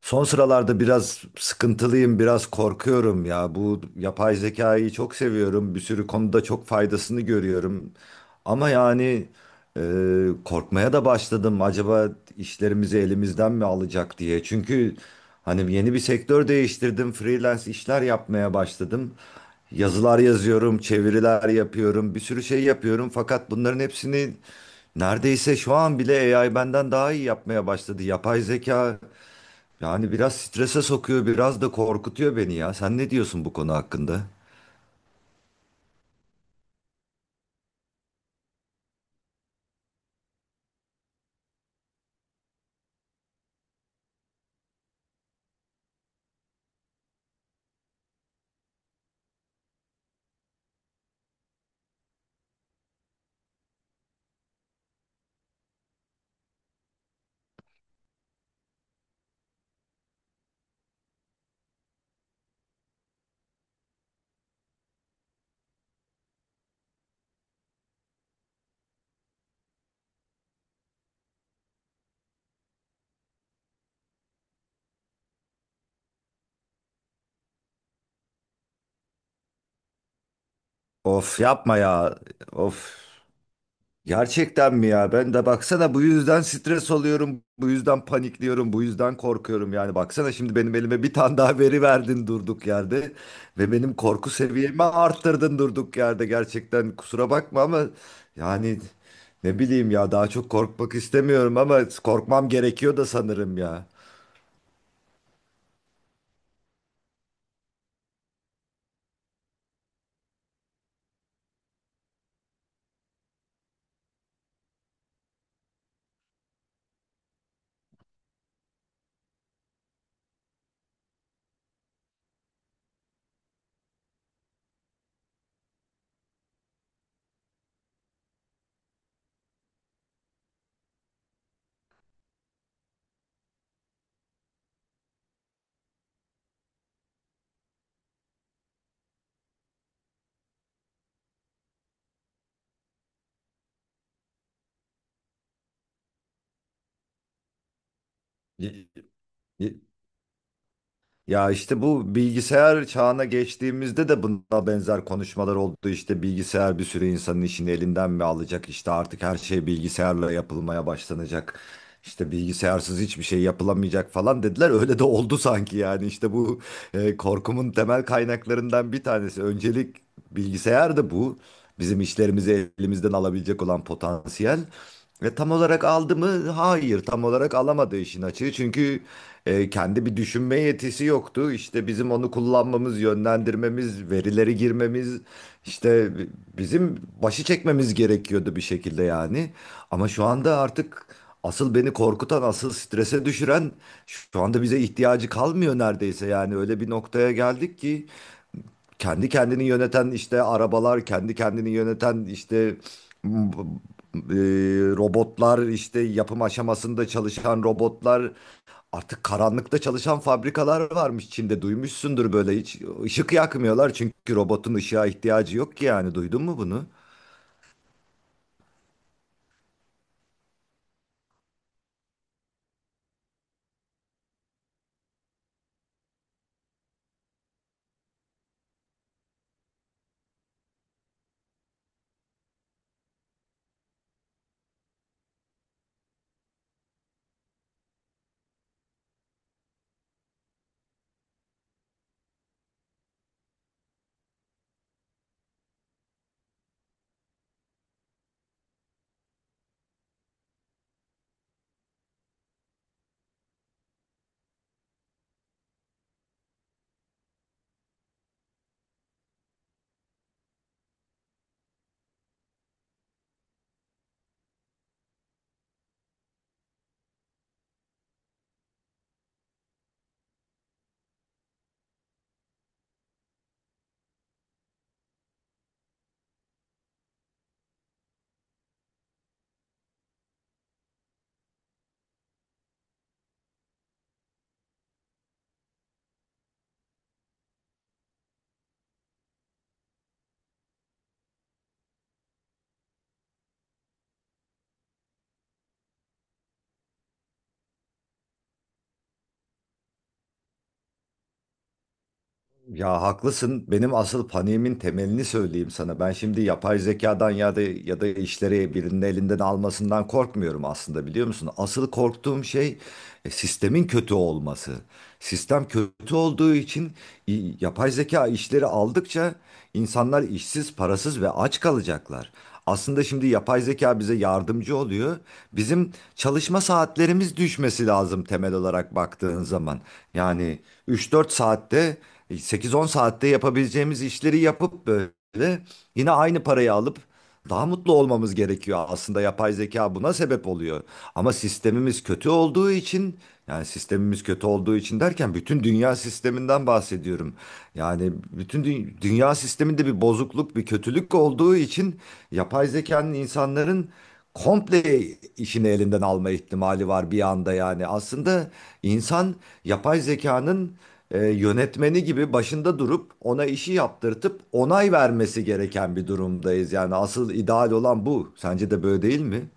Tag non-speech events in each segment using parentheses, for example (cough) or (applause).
Son sıralarda biraz sıkıntılıyım, biraz korkuyorum ya. Bu yapay zekayı çok seviyorum. Bir sürü konuda çok faydasını görüyorum. Ama yani e, korkmaya da başladım. Acaba işlerimizi elimizden mi alacak diye. Çünkü hani yeni bir sektör değiştirdim. Freelance işler yapmaya başladım. Yazılar yazıyorum, çeviriler yapıyorum, bir sürü şey yapıyorum. Fakat bunların hepsini neredeyse şu an bile AI benden daha iyi yapmaya başladı. Yapay zeka yani biraz strese sokuyor, biraz da korkutuyor beni ya. Sen ne diyorsun bu konu hakkında? Of yapma ya. Of. Gerçekten mi ya? Ben de baksana bu yüzden stres oluyorum, bu yüzden panikliyorum, bu yüzden korkuyorum. Yani baksana şimdi benim elime bir tane daha veri verdin durduk yerde ve benim korku seviyemi arttırdın durduk yerde. Gerçekten kusura bakma ama yani ne bileyim ya daha çok korkmak istemiyorum ama korkmam gerekiyor da sanırım ya. Y- y- Ya işte bu bilgisayar çağına geçtiğimizde de buna benzer konuşmalar oldu. İşte bilgisayar bir sürü insanın işini elinden mi alacak? İşte artık her şey bilgisayarla yapılmaya başlanacak. İşte bilgisayarsız hiçbir şey yapılamayacak falan dediler. Öyle de oldu sanki yani. İşte bu korkumun temel kaynaklarından bir tanesi. Öncelik bilgisayar da bu. Bizim işlerimizi elimizden alabilecek olan potansiyel. Ve tam olarak aldı mı? Hayır, tam olarak alamadı işin açığı. Çünkü kendi bir düşünme yetisi yoktu. İşte bizim onu kullanmamız, yönlendirmemiz, verileri girmemiz, işte bizim başı çekmemiz gerekiyordu bir şekilde yani. Ama şu anda artık asıl beni korkutan, asıl strese düşüren şu anda bize ihtiyacı kalmıyor neredeyse. Yani öyle bir noktaya geldik ki kendi kendini yöneten işte arabalar, kendi kendini yöneten işte m- robotlar, işte yapım aşamasında çalışan robotlar, artık karanlıkta çalışan fabrikalar varmış Çin'de duymuşsundur böyle hiç ışık yakmıyorlar çünkü robotun ışığa ihtiyacı yok ki yani duydun mu bunu? Ya haklısın. Benim asıl paniğimin temelini söyleyeyim sana. Ben şimdi yapay zekadan ya da işleri birinin elinden almasından korkmuyorum aslında biliyor musun? Asıl korktuğum şey sistemin kötü olması. Sistem kötü olduğu için yapay zeka işleri aldıkça insanlar işsiz, parasız ve aç kalacaklar. Aslında şimdi yapay zeka bize yardımcı oluyor. Bizim çalışma saatlerimiz düşmesi lazım temel olarak baktığın zaman. Yani üç dört saatte 8-10 saatte yapabileceğimiz işleri yapıp böyle yine aynı parayı alıp daha mutlu olmamız gerekiyor. Aslında yapay zeka buna sebep oluyor. Ama sistemimiz kötü olduğu için yani sistemimiz kötü olduğu için derken bütün dünya sisteminden bahsediyorum. Yani bütün dünya sisteminde bir bozukluk, bir kötülük olduğu için yapay zekanın insanların komple işini elinden alma ihtimali var bir anda yani. Aslında insan yapay zekanın yönetmeni gibi başında durup ona işi yaptırtıp onay vermesi gereken bir durumdayız. Yani asıl ideal olan bu. Sence de böyle değil mi?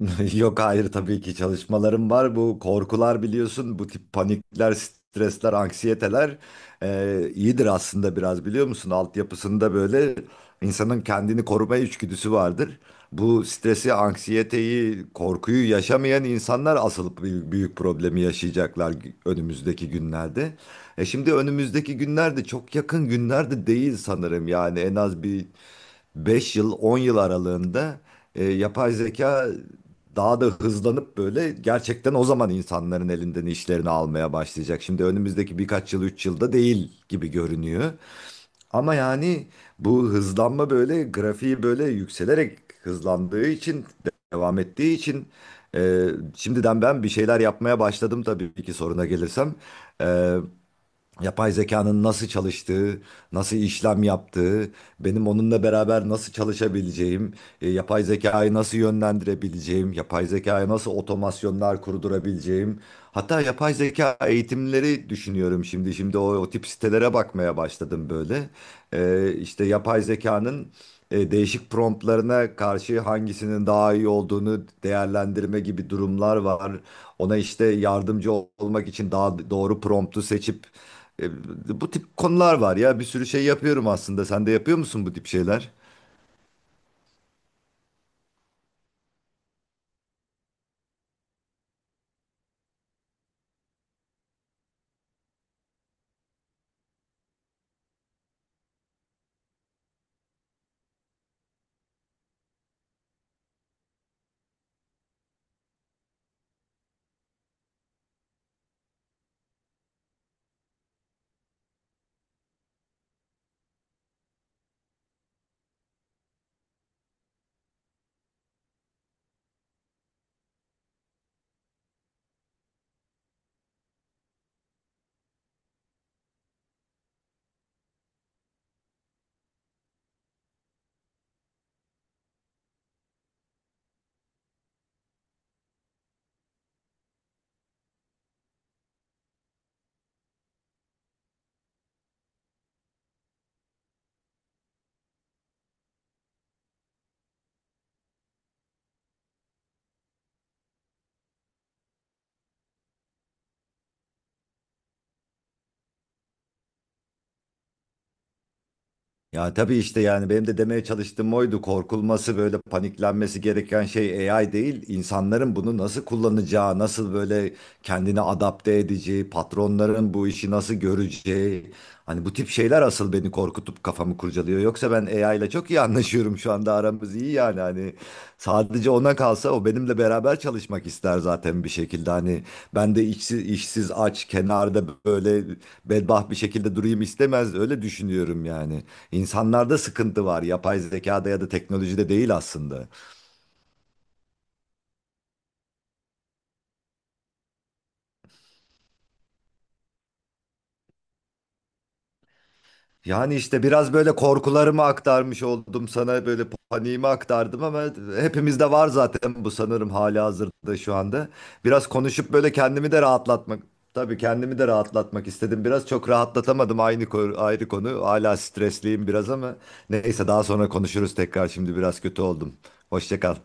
(laughs) Yok hayır tabii ki çalışmalarım var. Bu korkular biliyorsun, bu tip panikler, stresler, anksiyeteler iyidir aslında biraz biliyor musun? Altyapısında böyle insanın kendini koruma içgüdüsü vardır. Bu stresi, anksiyeteyi, korkuyu yaşamayan insanlar asıl büyük, büyük problemi yaşayacaklar önümüzdeki günlerde. E şimdi önümüzdeki günlerde çok yakın günlerde değil sanırım yani en az bir 5 yıl 10 yıl aralığında yapay zeka daha da hızlanıp böyle gerçekten o zaman insanların elinden işlerini almaya başlayacak. Şimdi önümüzdeki birkaç yıl 3 yılda değil gibi görünüyor. Ama yani bu hızlanma böyle grafiği böyle yükselerek hızlandığı için devam ettiği için e, şimdiden ben bir şeyler yapmaya başladım tabii ki soruna gelirsem. E, Yapay zekanın nasıl çalıştığı, nasıl işlem yaptığı, benim onunla beraber nasıl çalışabileceğim, yapay zekayı nasıl yönlendirebileceğim, yapay zekaya nasıl otomasyonlar kurdurabileceğim. Hatta yapay zeka eğitimleri düşünüyorum şimdi. Şimdi o tip sitelere bakmaya başladım böyle. İşte yapay zekanın değişik promptlarına karşı hangisinin daha iyi olduğunu değerlendirme gibi durumlar var. Ona işte yardımcı olmak için daha doğru promptu seçip bu tip konular var ya. Bir sürü şey yapıyorum aslında. Sen de yapıyor musun bu tip şeyler? Ya tabii işte yani benim de demeye çalıştığım oydu. Korkulması böyle paniklenmesi gereken şey AI değil. İnsanların bunu nasıl kullanacağı, nasıl böyle kendini adapte edeceği, patronların bu işi nasıl göreceği. Hani bu tip şeyler asıl beni korkutup kafamı kurcalıyor. Yoksa ben AI ile çok iyi anlaşıyorum şu anda aramız iyi yani hani sadece ona kalsa o benimle beraber çalışmak ister zaten bir şekilde. Hani ben de işsiz, işsiz aç kenarda böyle bedbaht bir şekilde durayım istemez öyle düşünüyorum yani. İnsanlarda sıkıntı var. Yapay zekada ya da teknolojide değil aslında. Yani işte biraz böyle korkularımı aktarmış oldum sana böyle paniğimi aktardım ama hepimizde var zaten bu sanırım hali hazırda şu anda. Biraz konuşup böyle kendimi de rahatlatmak tabii kendimi de rahatlatmak istedim. Biraz çok rahatlatamadım aynı ayrı konu. Hala stresliyim biraz ama neyse daha sonra konuşuruz tekrar. Şimdi biraz kötü oldum. Hoşça kal.